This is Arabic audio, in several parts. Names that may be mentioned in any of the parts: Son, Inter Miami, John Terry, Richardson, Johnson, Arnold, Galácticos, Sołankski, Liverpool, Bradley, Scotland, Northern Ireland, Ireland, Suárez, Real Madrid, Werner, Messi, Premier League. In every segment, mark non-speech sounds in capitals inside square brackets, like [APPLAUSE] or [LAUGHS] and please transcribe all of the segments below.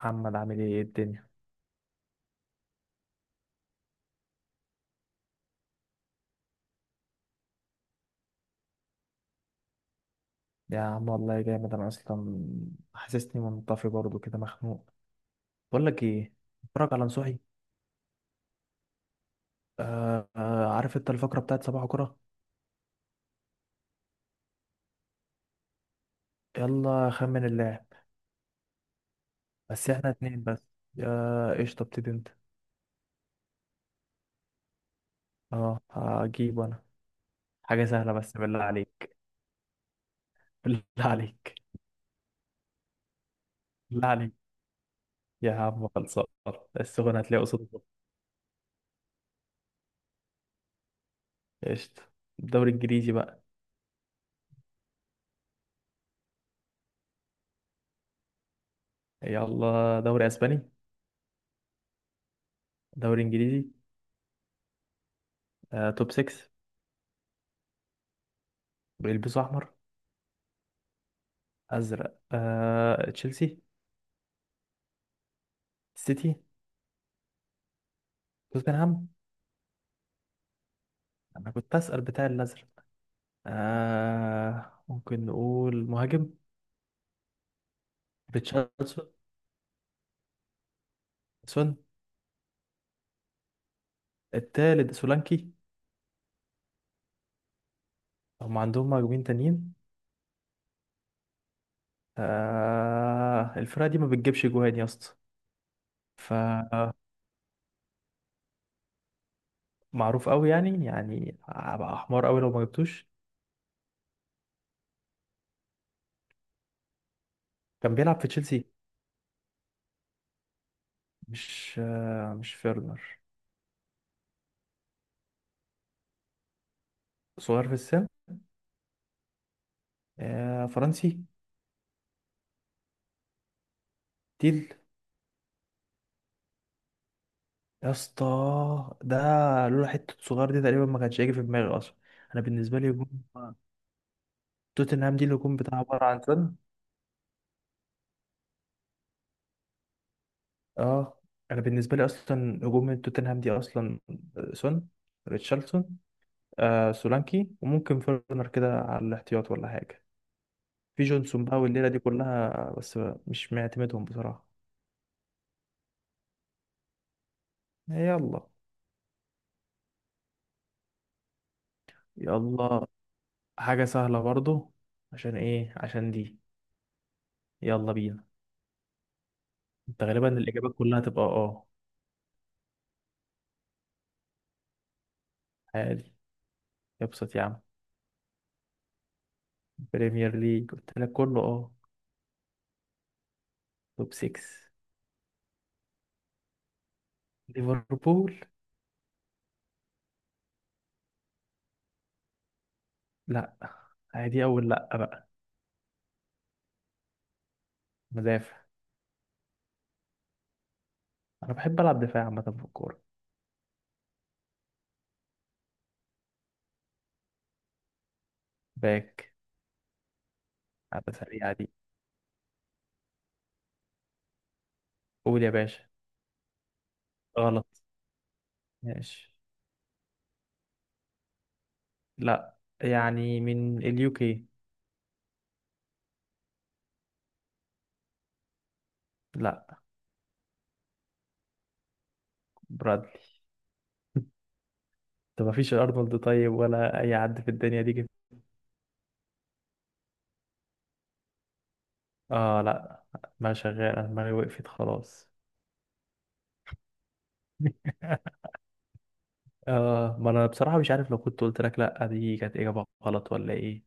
محمد، عامل ايه؟ إيه الدنيا؟ يا عم والله جامد انا اصلا. حاسسني منطفي برضو كده مخنوق. بقول لك ايه، اتفرج على نصوحي. آه آه، عارف انت الفقره بتاعت صباح كرة. يلا خمن اللاعب. بس احنا اتنين بس. يا قشطه ابتدي انت. اه هجيب انا حاجه سهله بس بالله عليك. [LAUGHS] بالله عليك. بالله عليك. يا عم خلصان. السخن هتلاقي قصاد البحر. قشطه. الدوري الانجليزي بقى. يلا دوري اسباني. دوري انجليزي. توب 6. بيلبسوا احمر. ازرق. تشيلسي. سيتي. توتنهام. انا كنت اسال بتاع الازرق. ممكن نقول مهاجم. ريتشاردسون. سون. التالت سولانكي. هم عندهم مهاجمين تانيين. الفرقه دي ما بتجيبش جوان يا اسطى. فمعروف قوي يعني، هبقى احمر قوي لو ما جبتوش. كان بيلعب في تشيلسي. مش فيرنر. صغير في السن. فرنسي. تيل يا اسطى. ده لولا حته صغير دي تقريبا ما كانش هيجي في دماغي اصلا. انا بالنسبه لي هجوم توتنهام دي الهجوم بتاعها عباره عن سون. اه انا بالنسبه لي اصلا هجوم توتنهام دي اصلا سون، ريتشارلسون، سولانكي، وممكن فيرنر كده على الاحتياط ولا حاجه. في جونسون بقى والليله دي كلها بس مش معتمدهم بصراحه. يلا. يلا حاجه سهله برضو، عشان ايه؟ عشان دي. يلا بينا. انت غالبا الاجابات كلها تبقى اه. عادي. ابسط يا عم. بريمير ليج قلت لك كله اه. توب 6. ليفربول. لا. عادي اول لا بقى. مدافع. انا بحب العب دفاع عامه في الكوره. باك. على سريعه دي. قول يا باشا. غلط. ماشي. لا، يعني من اليو كي. لا. برادلي. طب مفيش ارنولد طيب ولا اي حد في الدنيا دي جه؟ اه لا، ما شغال. انا دماغي وقفت خلاص. [LAUGHS] ما أنا بصراحة مش عارف لو كنت قلت لك لأ دي كانت إجابة غلط ولا إيه.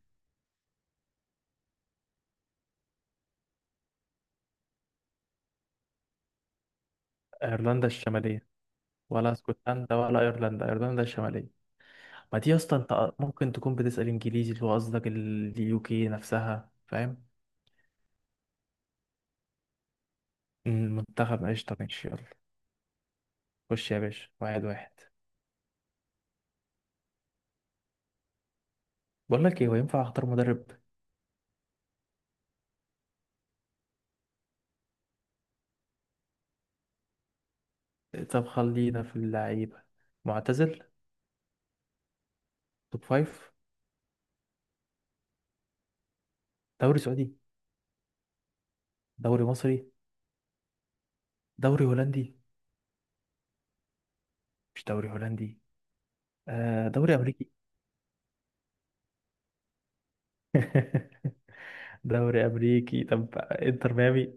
ايرلندا الشماليه. ولا اسكتلندا ولا ايرلندا، ايرلندا الشماليه. ما دي يا اسطى انت ممكن تكون بتسال انجليزي اللي هو قصدك اليو كي نفسها، فاهم. المنتخب، قشطه ماشي يلا. خش يا باشا واحد واحد. بقول لك ايه، هو ينفع اختار مدرب؟ طب خلينا في اللعيبه. معتزل. توب فايف. دوري سعودي. دوري مصري. دوري هولندي. مش دوري هولندي. دوري امريكي. [LAUGHS] دوري امريكي، طب انتر ميامي.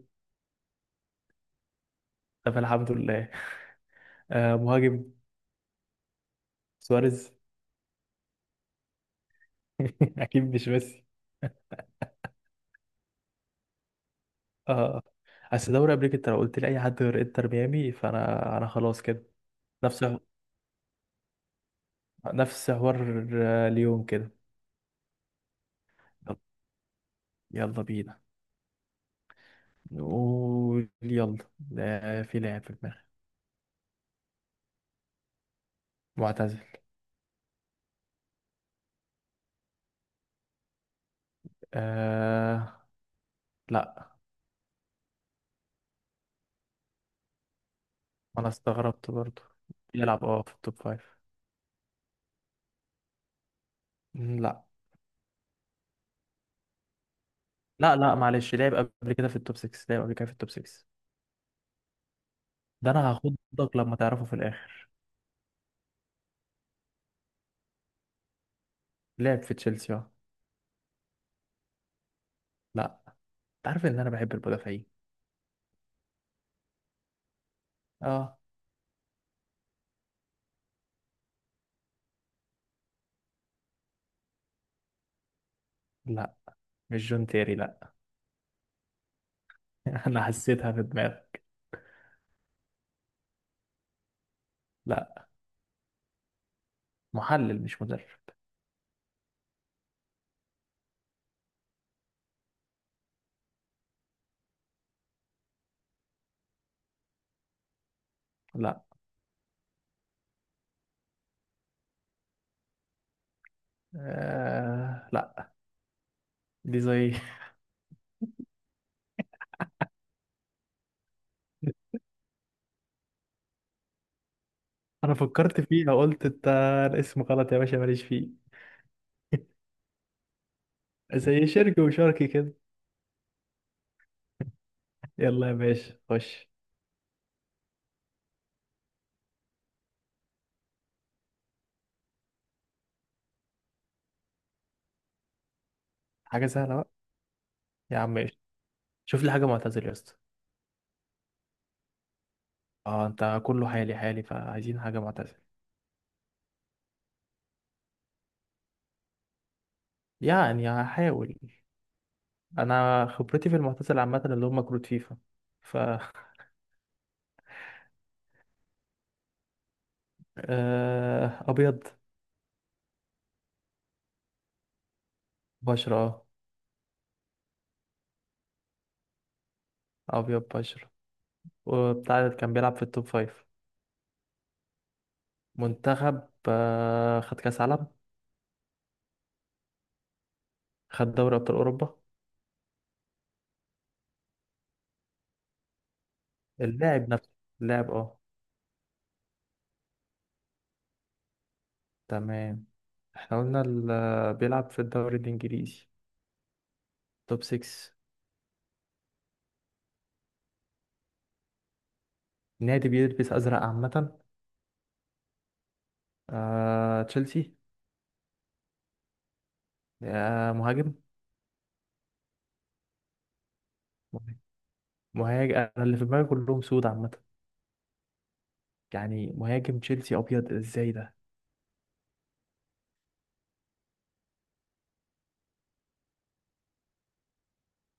طب الحمد لله. مهاجم. سواريز. [LAUGHS] اكيد مش ميسي. اه. اصل دوري امريكا انت لو قلت لي اي حد غير انتر ميامي فانا خلاص كده. نفس، نفس حوار اليوم كده. يلا. يلا بينا. نقول يلا ده في لاعب في دماغي. معتزل. آه لا. انا استغربت برضو. بيلعب في التوب فايف. لا. لا لا معلش، لعب قبل كده في التوب 6. لعب قبل كده في التوب 6. ده انا هاخدك لما تعرفه في الاخر. لعب في تشيلسي اه. لا. انت عارف ان انا بحب المدافعين. اه. لا مش جون تيري، لا. [LAUGHS] انا حسيتها في دماغك. لا. محلل مش مدرب. لا. لا. دي زي. [LAUGHS] انا فكرت فيها قلت انت. الاسم غلط يا باشا، ماليش فيه. [LAUGHS] زي شركي وشركي كده. يلا يا باشا خش. حاجة سهلة بقى. يا عم ماشي. شوف لي حاجة معتزل يا اسطى. اه انت كله حالي حالي، فعايزين حاجة معتزل. يعني هحاول. انا خبرتي في المعتزل عامة اللي هم كروت فيفا، ف. [LAUGHS] ابيض. بشرة اه، ابيض بشرة. وبتاع كان بيلعب في التوب فايف. منتخب، خد كأس عالم. خد دوري أبطال أوروبا. اللاعب نفسه. اللاعب اه. تمام. احنا قلنا بيلعب في الدوري الإنجليزي. توب 6. نادي بيلبس أزرق عامة. تشيلسي. مهاجم. مهاجم؟ أنا اللي في دماغي كلهم سود عامة. يعني مهاجم تشيلسي أبيض إزاي ده.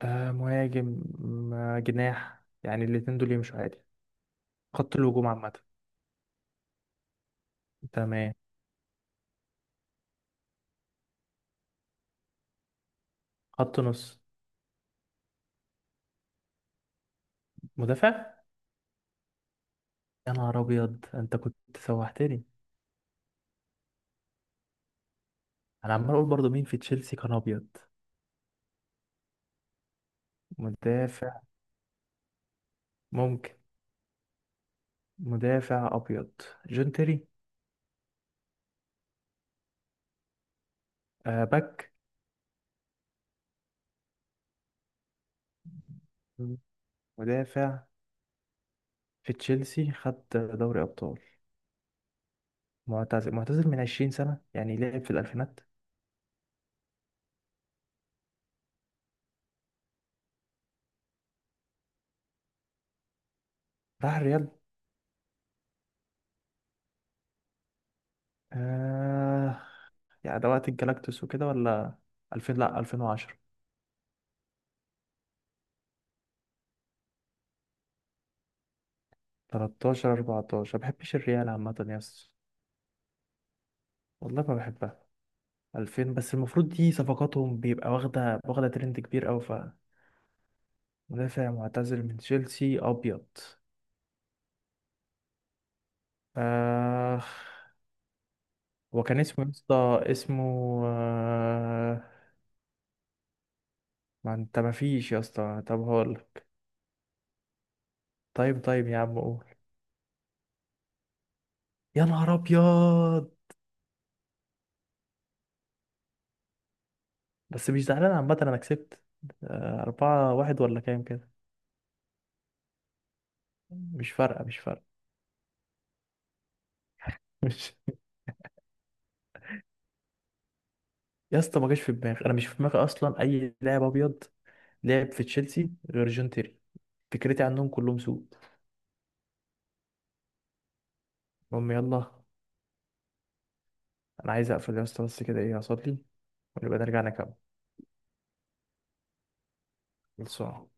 مهاجم. جناح يعني الاتنين دول يمشوا عادي. خط الهجوم عامة. تمام. خط نص. مدافع. يا نهار ابيض، انت كنت سوحتني. انا عمال اقول برضو مين في تشيلسي كان ابيض. مدافع ممكن. مدافع ابيض. جون تيري. باك. مم. مدافع. في تشيلسي خد دوري ابطال. معتزل، معتزل من 20 سنه يعني. لعب في الالفينات. راح الريال. آه. يعني ده وقت الجلاكتوس وكده ولا؟ 2000، لا 2010. 13، 14. ما بحبش الريال عامه يس. والله ما بحبها. 2000 بس المفروض دي صفقاتهم بيبقى واخدة واخدة ترند كبير أوي، ف. مدافع معتزل من تشيلسي أبيض. آه وكان اسمه يا اسطى، اسمه آه ما انت مفيش يا اسطى، طب هقول. طيب طيب يا عم قول. يا نهار أبيض. بس مش زعلان عامة، أنا كسبت. 4-1 ولا كام كده. مش فارقة، مش فارقة. [LAUGHS] مش. يا اسطى ما جاش في دماغي، أنا مش في دماغي أصلا أي لاعب أبيض لعب في تشيلسي غير جون تيري. فكرتي عنهم كلهم سوء. المهم يلا، انا عايز اقفل يا اسطى بس كده ايه اصلي، ونبقى نرجع نكمل. خلصان.